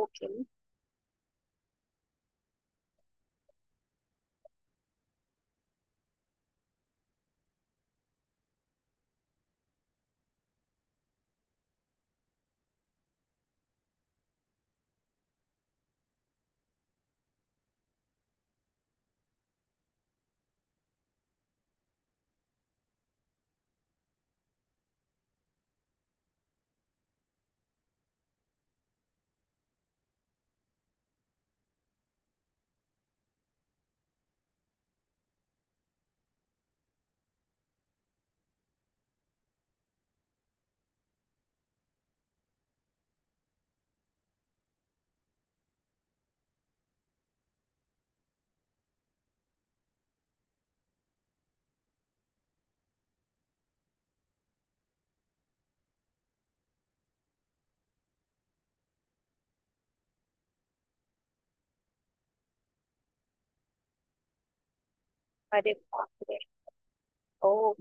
Okay. अरे बाप रे। ओ,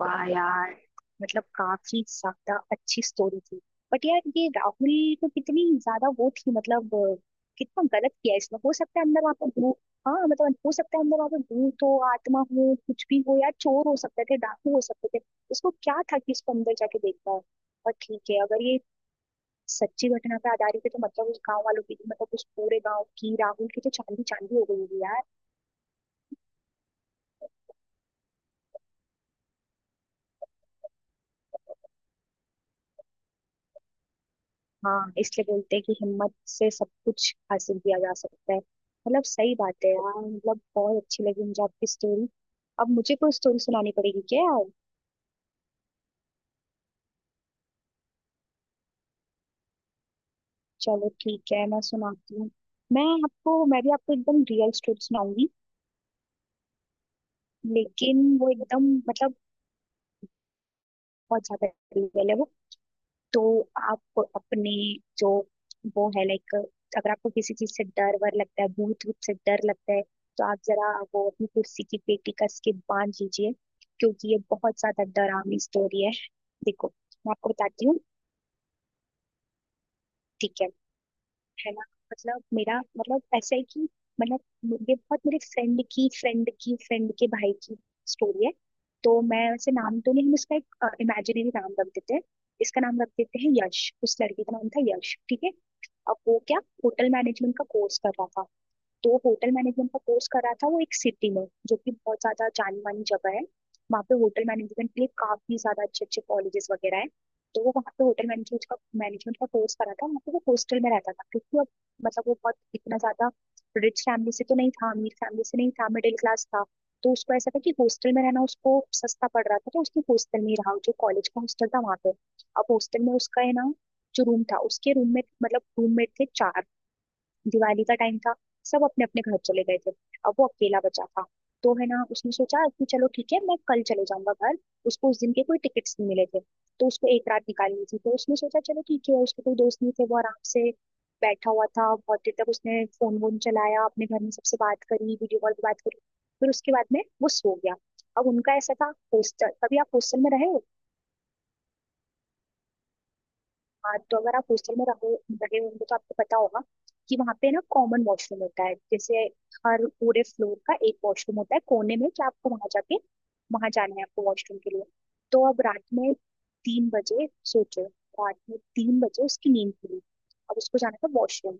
वाह यार। मतलब काफी ज्यादा अच्छी स्टोरी थी। बट यार ये राहुल को कितनी ज्यादा वो थी, मतलब कितना गलत किया इसने। हो सकता है अंदर वहां पर भूत, हाँ मतलब हो सकता है अंदर वहां पर भूत हो, आत्मा हो, कुछ भी हो यार। चोर हो सकते थे, डाकू हो सकते थे। उसको क्या था कि इसको अंदर जाके देखता है। और ठीक है अगर ये सच्ची घटना पे आधारित है तो मतलब उस गांव वालों की, मतलब उस पूरे गांव की, राहुल की तो चांदी चांदी हो गई होगी यार। हाँ, इसलिए बोलते हैं कि हिम्मत से सब कुछ हासिल किया जा सकता है। मतलब सही बात है यार, मतलब बहुत अच्छी लगी मुझे आपकी स्टोरी। अब मुझे कोई स्टोरी सुनानी पड़ेगी क्या यार। चलो ठीक है मैं सुनाती हूँ। मैं भी आपको एकदम रियल स्टोरी सुनाऊंगी। लेकिन वो एकदम, मतलब बहुत ज्यादा रियल है वो। तो आप अपने जो वो है, लाइक अगर आपको किसी चीज से डर वर लगता है, भूत भूत से डर लगता है, तो आप जरा वो अपनी कुर्सी की पेटी कस के बांध लीजिए क्योंकि ये बहुत ज्यादा डरावनी स्टोरी है। देखो, मैं आपको बताती हूँ। ठीक है ना। मतलब मेरा मतलब ऐसा है कि, मतलब ये बहुत, मेरे फ्रेंड की फ्रेंड की फ्रेंड के भाई की स्टोरी है। तो मैं वैसे नाम तो नहीं, हम इसका एक इमेजिनरी नाम रख देते हैं। इसका नाम रख देते हैं यश। उस लड़की का नाम था यश, ठीक है। अब वो क्या, होटल मैनेजमेंट का कोर्स कर रहा था। तो होटल मैनेजमेंट का कोर्स करा था वो एक सिटी में जो कि बहुत ज्यादा जानी मानी जगह है। वहाँ पे होटल मैनेजमेंट के लिए काफी ज्यादा अच्छे अच्छे कॉलेजेस वगैरह है। तो वो वहाँ पे होटल मैनेजमेंट का कोर्स करा था। वहाँ पे वो हॉस्टल में रहता था क्योंकि अब, मतलब वो बहुत इतना ज्यादा रिच फैमिली से तो नहीं था, अमीर फैमिली से नहीं था, मिडिल क्लास था। तो उसको ऐसा था कि हॉस्टल में रहना उसको सस्ता पड़ रहा था, तो उसने हॉस्टल में ही रहा जो कॉलेज का हॉस्टल था वहाँ पे। अब हॉस्टल में उसका, है ना, जो रूम था उसके रूम में मतलब रूममेट थे चार। दिवाली का टाइम था, सब अपने अपने घर चले गए थे, अब वो अकेला बचा था। तो है ना, उसने सोचा कि चलो ठीक है मैं कल चले जाऊंगा घर। उसको उस दिन के कोई टिकट्स नहीं मिले थे, तो उसको एक रात निकालनी थी। तो उसने सोचा चलो ठीक है, उसके कोई दोस्त नहीं थे, वो आराम से बैठा हुआ था। बहुत देर तक उसने फोन वोन चलाया, अपने घर में सबसे बात करी, वीडियो कॉल पे बात करी। फिर उसके बाद में वो सो गया। अब उनका ऐसा था हॉस्टल, कभी आप हॉस्टल में रहे हो। हाँ, तो अगर आप हॉस्टल में रहो रहे होंगे तो आपको पता होगा कि वहाँ पे ना कॉमन वॉशरूम होता है। जैसे हर पूरे फ्लोर का एक वॉशरूम होता है कोने में, कि आपको वहां जाना है, आपको वॉशरूम के लिए। तो अब रात में 3 बजे, सोचो, रात में 3 बजे उसकी नींद खुली। अब उसको जाना था वॉशरूम।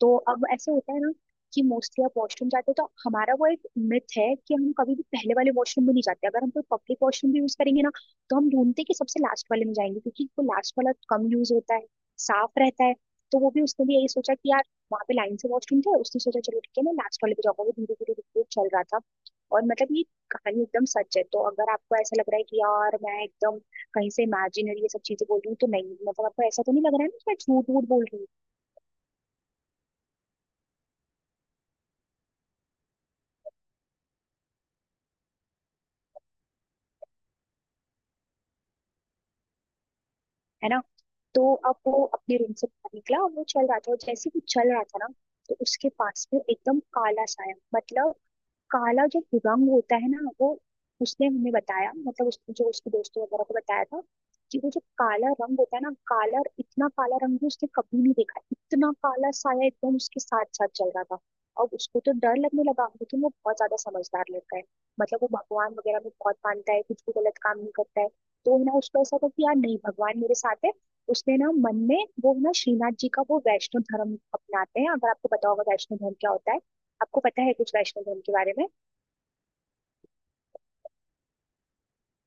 तो अब ऐसे होता है ना कि मोस्टली आप वॉशरूम जाते हो तो हमारा वो एक मिथ है कि हम कभी भी पहले वाले वॉशरूम में नहीं जाते। अगर हम कोई पब्लिक वॉशरूम भी यूज करेंगे ना, तो हम ढूंढते हैं कि सबसे लास्ट वाले में जाएंगे क्योंकि वो लास्ट वाला कम यूज होता है, साफ रहता है। तो वो भी उसने भी यही सोचा कि यार, वहां पे लाइन से वॉशरूम थे, उसने सोचा चलो ठीक है मैं लास्ट वाले पे जाऊंगा। वो धीरे धीरे धीरे धीरे चल रहा था। और मतलब ये कहानी एकदम सच है, तो अगर आपको ऐसा लग रहा है कि यार मैं एकदम कहीं से इमेजिनरी ये सब चीजें बोल रही हूँ तो नहीं, मतलब आपको ऐसा तो नहीं लग रहा है ना कि मैं झूठ वूठ बोल रही हूँ। है ना। तो अब वो अपने रूम से बाहर निकला और वो चल रहा था, और जैसे ही वो चल रहा था ना, तो उसके पास में एकदम काला साया, मतलब काला जो रंग होता है ना वो, उसने हमें बताया मतलब जो उसके दोस्तों वगैरह को बताया था कि वो जो काला रंग होता है ना, काला, इतना काला रंग भी उसने कभी नहीं देखा। इतना काला साया एकदम उसके साथ साथ चल रहा था। अब उसको तो डर लगने लगा, लेकिन वो बहुत ज्यादा समझदार लड़का है। मतलब वो भगवान वगैरह में बहुत मानता है, कुछ भी गलत काम नहीं करता है। तो ना उसको ऐसा था कि यार नहीं, भगवान मेरे साथ है। उसने ना मन में वो, ना श्रीनाथ जी का वो वैष्णव धर्म अपनाते हैं, अगर आपको पता होगा वैष्णव धर्म क्या होता है। आपको पता है कुछ वैष्णव धर्म के बारे में?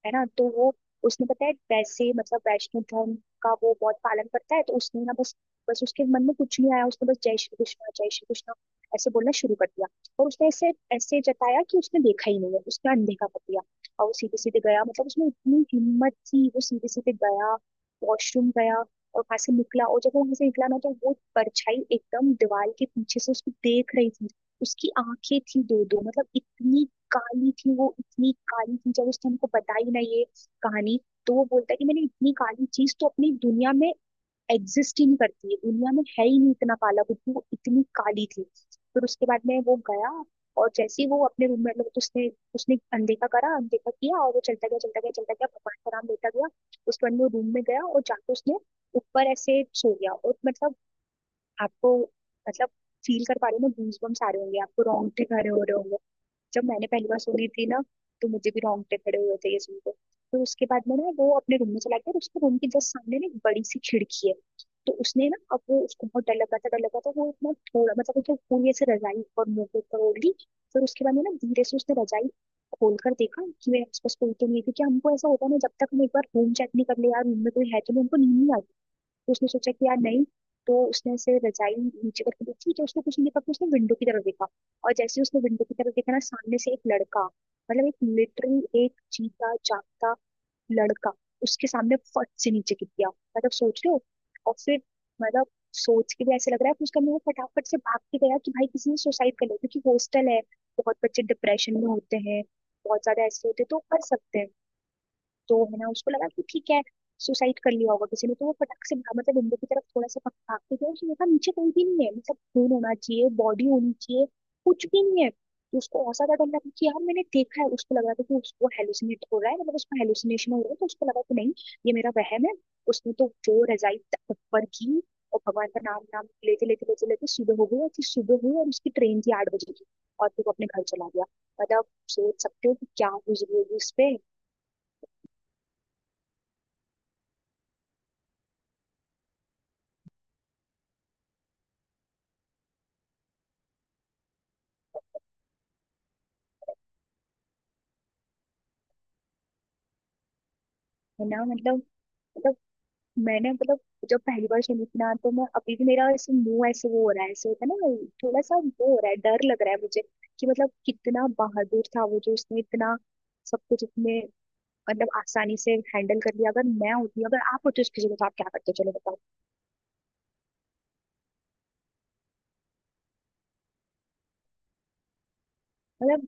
है ना। तो वो, उसने पता है वैसे मतलब वैष्णव धर्म का वो बहुत पालन करता है। तो उसने ना बस बस उसके मन में कुछ नहीं आया, उसने बस जय श्री कृष्णा ऐसे बोलना शुरू कर दिया। और उसने ऐसे ऐसे जताया कि उसने देखा ही नहीं है, उसने अनदेखा कर दिया। और वो सीधे सीधे गया, मतलब उसमें इतनी हिम्मत थी, वो सीधे सीधे गया, वॉशरूम गया और वहां से निकला। और जब वो वहां से निकला ना, तो वो परछाई एकदम दीवार के पीछे से उसको देख रही थी। उसकी आंखें थी दो, दो मतलब इतनी काली थी, वो इतनी काली थी, जब उसने हमको बताई ना ये कहानी, तो वो बोलता है कि मैंने इतनी काली चीज तो अपनी दुनिया में एग्जिस्ट ही नहीं करती है, दुनिया में है ही नहीं इतना काला वो इतनी काली थी। फिर उसके बाद में वो गया। और जैसे ही वो अपने रूम में, मतलब तो उसने उसने अनदेखा किया और वो चलता गया चलता गया चलता गया, भगवान का नाम लेता गया। उसके बाद वो रूम में गया और जाके उसने ऊपर ऐसे सो गया। और मतलब आपको, मतलब फील कर पा रहे हो ना, गूज बम्स आ रहे होंगे आपको, रोंगटे खड़े हो रहे होंगे। जब मैंने पहली बार सुनी थी ना, तो मुझे भी रोंगटे खड़े हुए थे ये सुनकर। फिर उसके बाद में ना वो अपने रूम में चला गया, और उसके रूम के जस्ट सामने ना एक बड़ी सी खिड़की है। तो उसने ना, अब वो, उसको बहुत डर लग रहा था, वो इतना थोड़ा मतलब उसने पूरी ऐसे रजाई और मुंह के ऊपर ओढ़ ली। फिर उसके बाद में ना धीरे से उसने रजाई खोल कर देखा कि मेरे आसपास कोई तो नहीं है, क्योंकि हमको ऐसा होता है ना, जब तक हम एक बार रूम चेक नहीं कर ले यार, रूम में कोई है तो नहीं, हमको नींद नहीं आती। उसने सोचा कि यार नहीं। तो उसने से रजाई नीचे करके देखी तो उसको कुछ नहीं देखा, तो उसने विंडो की तरफ देखा। और जैसे ही उसने विंडो की तरफ देखा ना, सामने से एक लड़का, मतलब एक लिटरली एक जीता जागता लड़का उसके सामने फट से नीचे गिर गया। मतलब सोच लो। और फिर, मतलब सोच के भी ऐसे लग रहा है, कि उसका मुंह फटाफट से भाग के गया कि भाई किसी ने सुसाइड कर लिया, क्योंकि हॉस्टल है, बहुत बच्चे डिप्रेशन में होते हैं, बहुत ज्यादा ऐसे होते हैं तो कर सकते हैं। तो है ना, उसको लगा कि ठीक है सुसाइड कर लिया होगा किसी ने, तो वो फटक से भागा, मतलब विंडो की तरफ थोड़ा सा भागते थे, उसने देखा नीचे कहीं भी नहीं है। मतलब खून होना चाहिए, बॉडी होनी चाहिए, कुछ भी नहीं है। तो उसको ऐसा था, डर लगा कि यार मैंने देखा है, उसको लग रहा था कि उसको हेलुसिनेट हो रहा है, मतलब उसको हेलुसिनेशन हो रहा है। तो उसको लगा कि नहीं, ये मेरा वहम है। उसने तो जो रजाई ऊपर की, और भगवान का नाम नाम लेते लेते लेते लेते सुबह हो गई। और फिर सुबह हुई और उसकी ट्रेन थी 8 बजे की, और फिर वो अपने घर चला गया। मतलब सोच सकते हो कि क्या गुजरी होगी उस पे। है ना। मतलब मतलब मैंने मतलब जब पहली बार सुनी थी ना, तो मैं अभी भी, मेरा ऐसे मुंह ऐसे वो हो रहा है, ऐसे होता है ना वो, थोड़ा सा वो हो रहा है, डर लग रहा है मुझे। कि मतलब कितना बहादुर था वो, जो उसने इतना सब कुछ इतने, मतलब आसानी से हैंडल कर लिया। अगर मैं होती, अगर आप होते उसकी जगह तो आप क्या करते, चलो बताओ। मतलब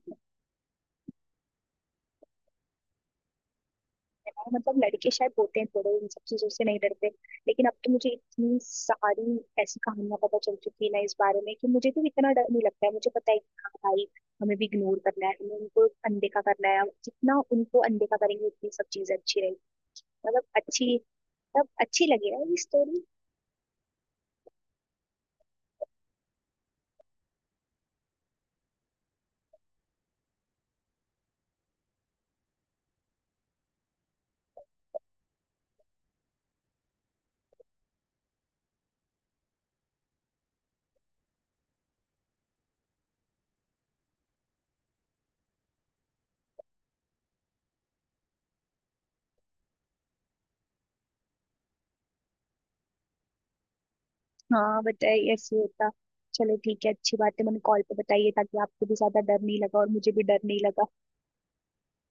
है ना, मतलब लड़के शायद होते हैं थोड़े इन सब चीजों से नहीं डरते। लेकिन अब तो मुझे इतनी सारी ऐसी कहानियां पता चल चुकी है ना इस बारे में कि मुझे तो इतना डर नहीं लगता है। मुझे पता है कि हाँ भाई, हमें भी इग्नोर करना है, हमें उनको अनदेखा करना है। जितना उनको अनदेखा करेंगे उतनी सब चीजें अच्छी रहेगी। मतलब अच्छी मतलब अच्छी लगी है ये स्टोरी। हाँ बताइए, ऐसे होता। चलो ठीक है, अच्छी बात है मैंने कॉल पे बताइए, ताकि आपको भी ज्यादा डर नहीं लगा और मुझे भी डर नहीं लगा।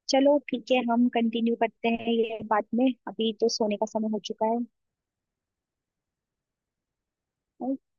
चलो ठीक है, हम कंटिन्यू करते हैं ये बाद में, अभी तो सोने का समय हो चुका है।